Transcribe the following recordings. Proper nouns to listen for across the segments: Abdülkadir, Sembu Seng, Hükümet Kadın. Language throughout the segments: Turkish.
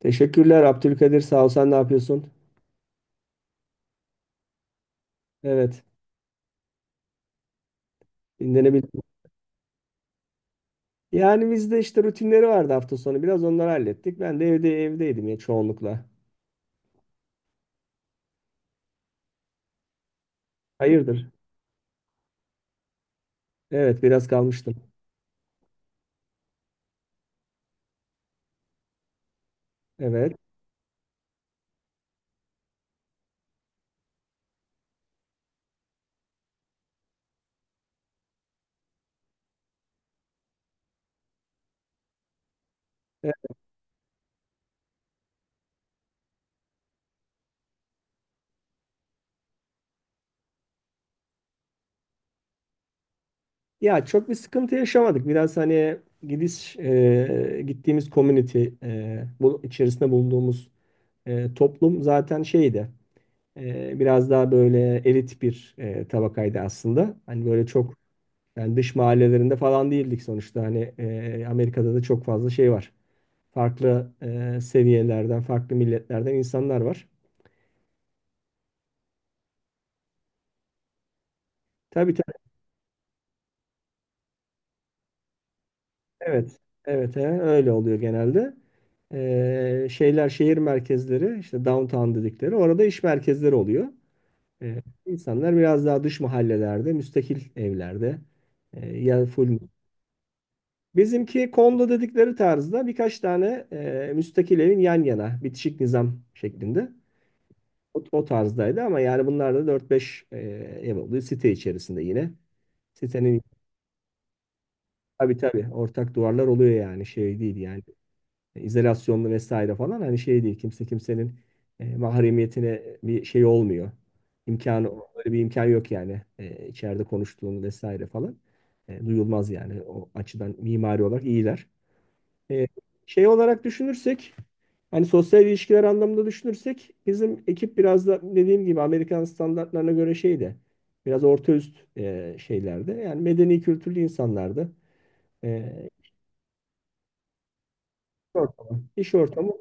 Teşekkürler Abdülkadir. Sağ ol. Sen ne yapıyorsun? Evet. Dinlenebildim. Yani bizde işte rutinleri vardı hafta sonu. Biraz onları hallettik. Ben de evdeydim ya çoğunlukla. Hayırdır? Evet, biraz kalmıştım. Evet. E, Ya, çok bir sıkıntı yaşamadık. Biraz hani gittiğimiz community, bu içerisinde bulunduğumuz toplum zaten şeydi. Biraz daha böyle elit bir tabakaydı aslında. Hani böyle çok. Yani dış mahallelerinde falan değildik sonuçta. Hani Amerika'da da çok fazla şey var. Farklı seviyelerden, farklı milletlerden insanlar var. Tabii tabii, evet. Evet, he, öyle oluyor genelde. Şeyler şehir merkezleri işte downtown dedikleri orada iş merkezleri oluyor. E, insanlar biraz daha dış mahallelerde, müstakil evlerde, ya, full. Bizimki kondo dedikleri tarzda birkaç tane müstakil evin yan yana bitişik nizam şeklinde. O tarzdaydı ama yani bunlar da dört beş ev oluyor site içerisinde yine. Sitenin tabii tabii ortak duvarlar oluyor, yani şey değil yani izolasyonlu vesaire falan, hani şey değil, kimse kimsenin mahremiyetine bir şey olmuyor. İmkanı öyle bir imkan yok yani, içeride konuştuğunu vesaire falan. Duyulmaz yani, o açıdan mimari olarak iyiler. E, şey olarak düşünürsek, hani sosyal ilişkiler anlamında düşünürsek, bizim ekip biraz da dediğim gibi Amerikan standartlarına göre şeydi. Biraz orta üst şeylerde. Yani medeni kültürlü insanlardı. E, iş ortamı. İş ortamı.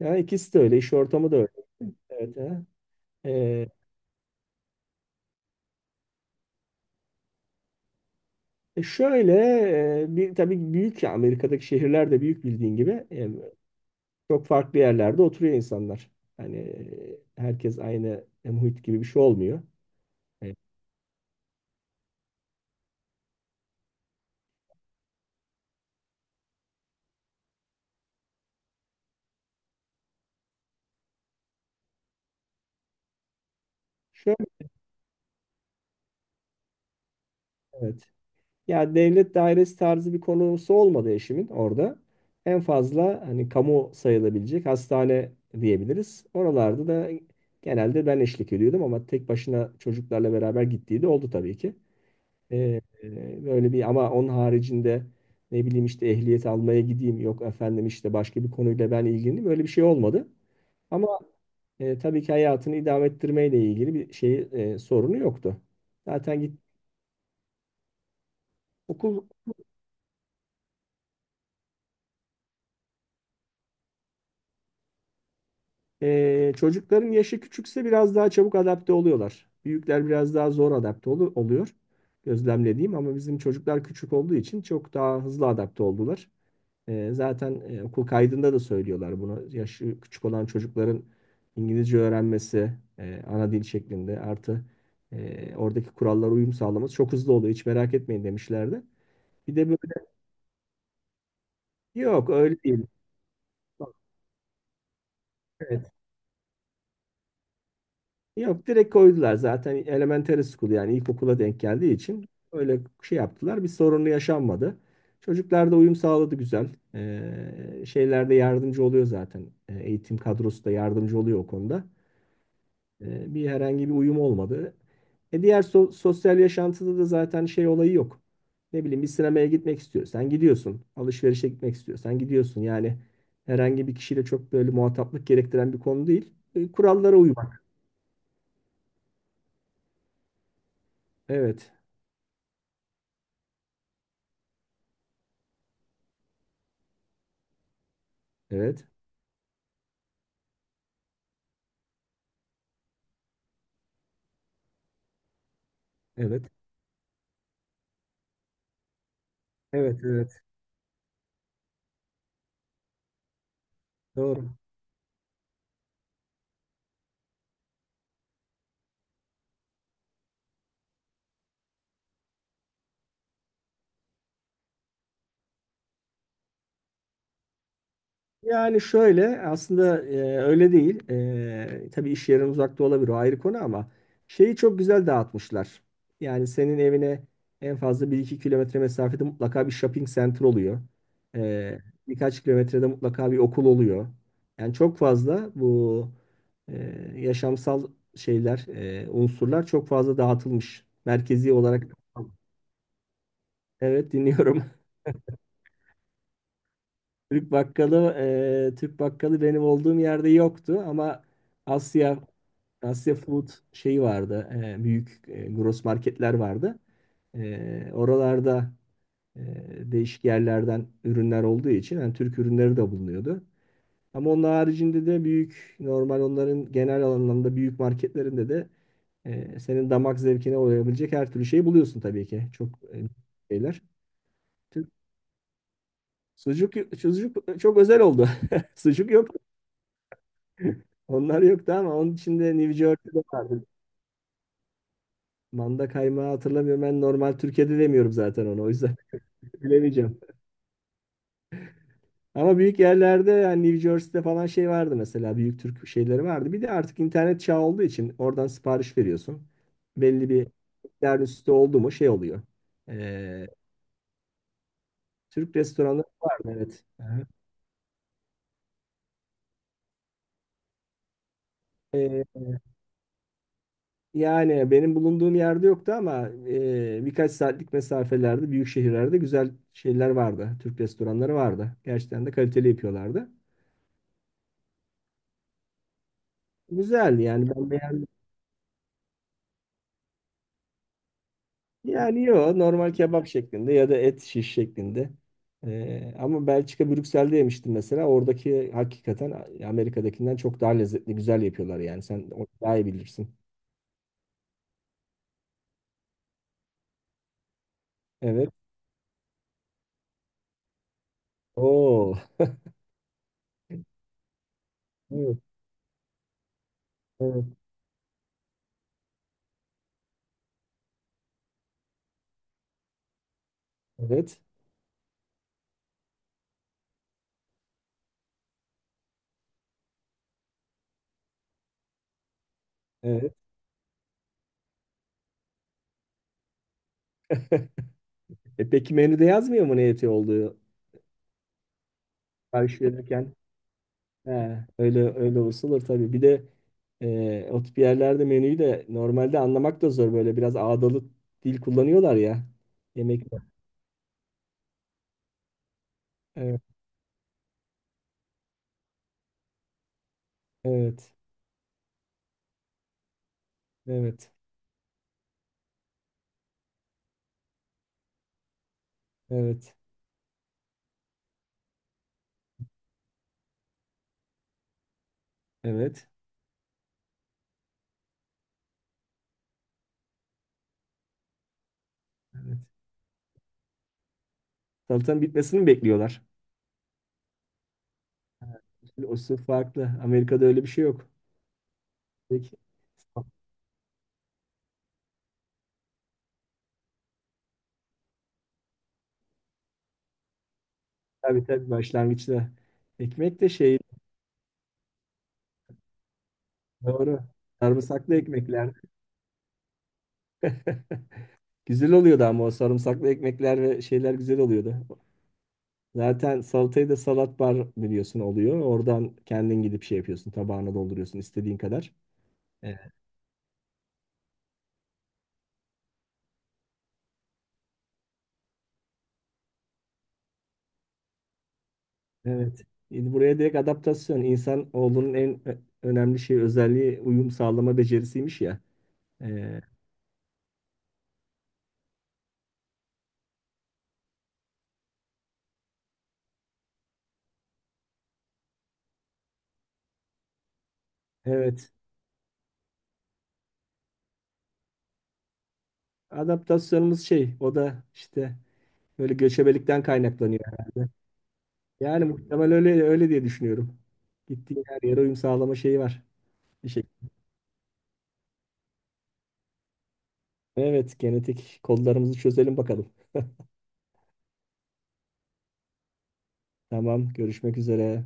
Yani ikisi de öyle. İş ortamı da öyle. Evet. He. E, şöyle bir tabii büyük ya, Amerika'daki şehirler de büyük bildiğin gibi, çok farklı yerlerde oturuyor insanlar. Hani herkes aynı muhit gibi bir şey olmuyor. Evet. Şöyle, evet. Ya devlet dairesi tarzı bir konusu olmadı eşimin orada. En fazla hani kamu sayılabilecek hastane diyebiliriz. Oralarda da genelde ben eşlik ediyordum ama tek başına çocuklarla beraber gittiği de oldu tabii ki. Böyle bir ama onun haricinde ne bileyim işte ehliyet almaya gideyim, yok efendim işte başka bir konuyla ben ilgileneyim, böyle bir şey olmadı. Ama tabii ki hayatını idame ettirmeyle ilgili bir şey sorunu yoktu. Zaten git okul. Çocukların yaşı küçükse biraz daha çabuk adapte oluyorlar. Büyükler biraz daha zor adapte oluyor. Gözlemlediğim ama bizim çocuklar küçük olduğu için çok daha hızlı adapte oldular. Zaten okul kaydında da söylüyorlar bunu. Yaşı küçük olan çocukların İngilizce öğrenmesi ana dil şeklinde, artı oradaki kurallara uyum sağlaması çok hızlı oluyor. Hiç merak etmeyin demişlerdi. Bir de böyle. Yok, öyle değil. Evet. Yok, direkt koydular zaten, elementary school yani ilkokula denk geldiği için öyle şey yaptılar. Bir sorunu yaşanmadı. Çocuklar da uyum sağladı, güzel. Şeylerde yardımcı oluyor zaten. Eğitim kadrosu da yardımcı oluyor o konuda. Bir herhangi bir uyum olmadı. Diğer sosyal yaşantıda da zaten şey olayı yok. Ne bileyim, bir sinemaya gitmek istiyorsan gidiyorsun. Alışverişe gitmek istiyorsan gidiyorsun. Yani herhangi bir kişiyle çok böyle muhataplık gerektiren bir konu değil. Kurallara uymak. Evet. Evet. Evet. Evet. Evet. Doğru. Yani şöyle aslında, öyle değil. Tabii iş yerin uzakta olabilir, o ayrı konu ama şeyi çok güzel dağıtmışlar. Yani senin evine en fazla bir iki kilometre mesafede mutlaka bir shopping center oluyor. E, birkaç kilometrede mutlaka bir okul oluyor. Yani çok fazla bu e, yaşamsal şeyler, unsurlar çok fazla dağıtılmış. Merkezi olarak. Evet, dinliyorum. Türk bakkalı, Türk bakkalı benim olduğum yerde yoktu ama Asya Asya Food şeyi vardı. Büyük gross marketler vardı. Oralarda e, değişik yerlerden ürünler olduğu için yani Türk ürünleri de bulunuyordu. Ama onun haricinde de büyük normal onların genel anlamda büyük marketlerinde de senin damak zevkine uyabilecek her türlü şeyi buluyorsun tabii ki. Çok e, şeyler. Türk- Sucuk, sucuk çok özel oldu. Sucuk yok. Onlar yoktu ama onun içinde New Jersey'de vardı. Manda kaymağı hatırlamıyorum. Ben normal Türkiye'de demiyorum zaten onu. O yüzden bilemeyeceğim. Ama büyük yerlerde yani New Jersey'de falan şey vardı mesela. Büyük Türk şeyleri vardı. Bir de artık internet çağı olduğu için oradan sipariş veriyorsun. Belli bir miktar üstü oldu mu şey oluyor. Ee, Türk restoranları var mı? Evet. Hı hı. Yani benim bulunduğum yerde yoktu ama birkaç saatlik mesafelerde, büyük şehirlerde güzel şeyler vardı. Türk restoranları vardı. Gerçekten de kaliteli yapıyorlardı. Güzeldi yani, ben beğendim. Yani yok, normal kebap şeklinde ya da et şiş şeklinde. Ama Belçika Brüksel'de yemiştim mesela. Oradaki hakikaten Amerika'dakinden çok daha lezzetli, güzel yapıyorlar yani. Sen onu daha iyi bilirsin. Evet. Oo. Evet. Evet. Evet. Evet. Peki menüde yazmıyor mu ne eti olduğu? Karşı verirken. He, öyle öyle olsa olur tabii. Bir de o tip yerlerde menüyü de normalde anlamak da zor. Böyle biraz ağdalı dil kullanıyorlar ya. Yemek. Evet. Evet. Evet. Evet. Evet. Evet. Salatanın bitmesini mi bekliyorlar? O sırf farklı. Amerika'da öyle bir şey yok. Peki. Tabii tabii, başlangıçta. Ekmek de şey, doğru. Sarımsaklı ekmekler. Güzel oluyordu ama o sarımsaklı ekmekler ve şeyler güzel oluyordu. Zaten salatayı da salat bar biliyorsun oluyor. Oradan kendin gidip şey yapıyorsun. Tabağına dolduruyorsun istediğin kadar. Evet. Evet. Buraya direkt adaptasyon. İnsan oğlunun en önemli özelliği uyum sağlama becerisiymiş ya. Ee, Evet. Adaptasyonumuz şey, o da işte böyle göçebelikten kaynaklanıyor herhalde. Yani muhtemel öyle öyle diye düşünüyorum. Gittiğin her yere uyum sağlama şeyi var. Bir şey. Evet, genetik kodlarımızı çözelim bakalım. Tamam, görüşmek üzere.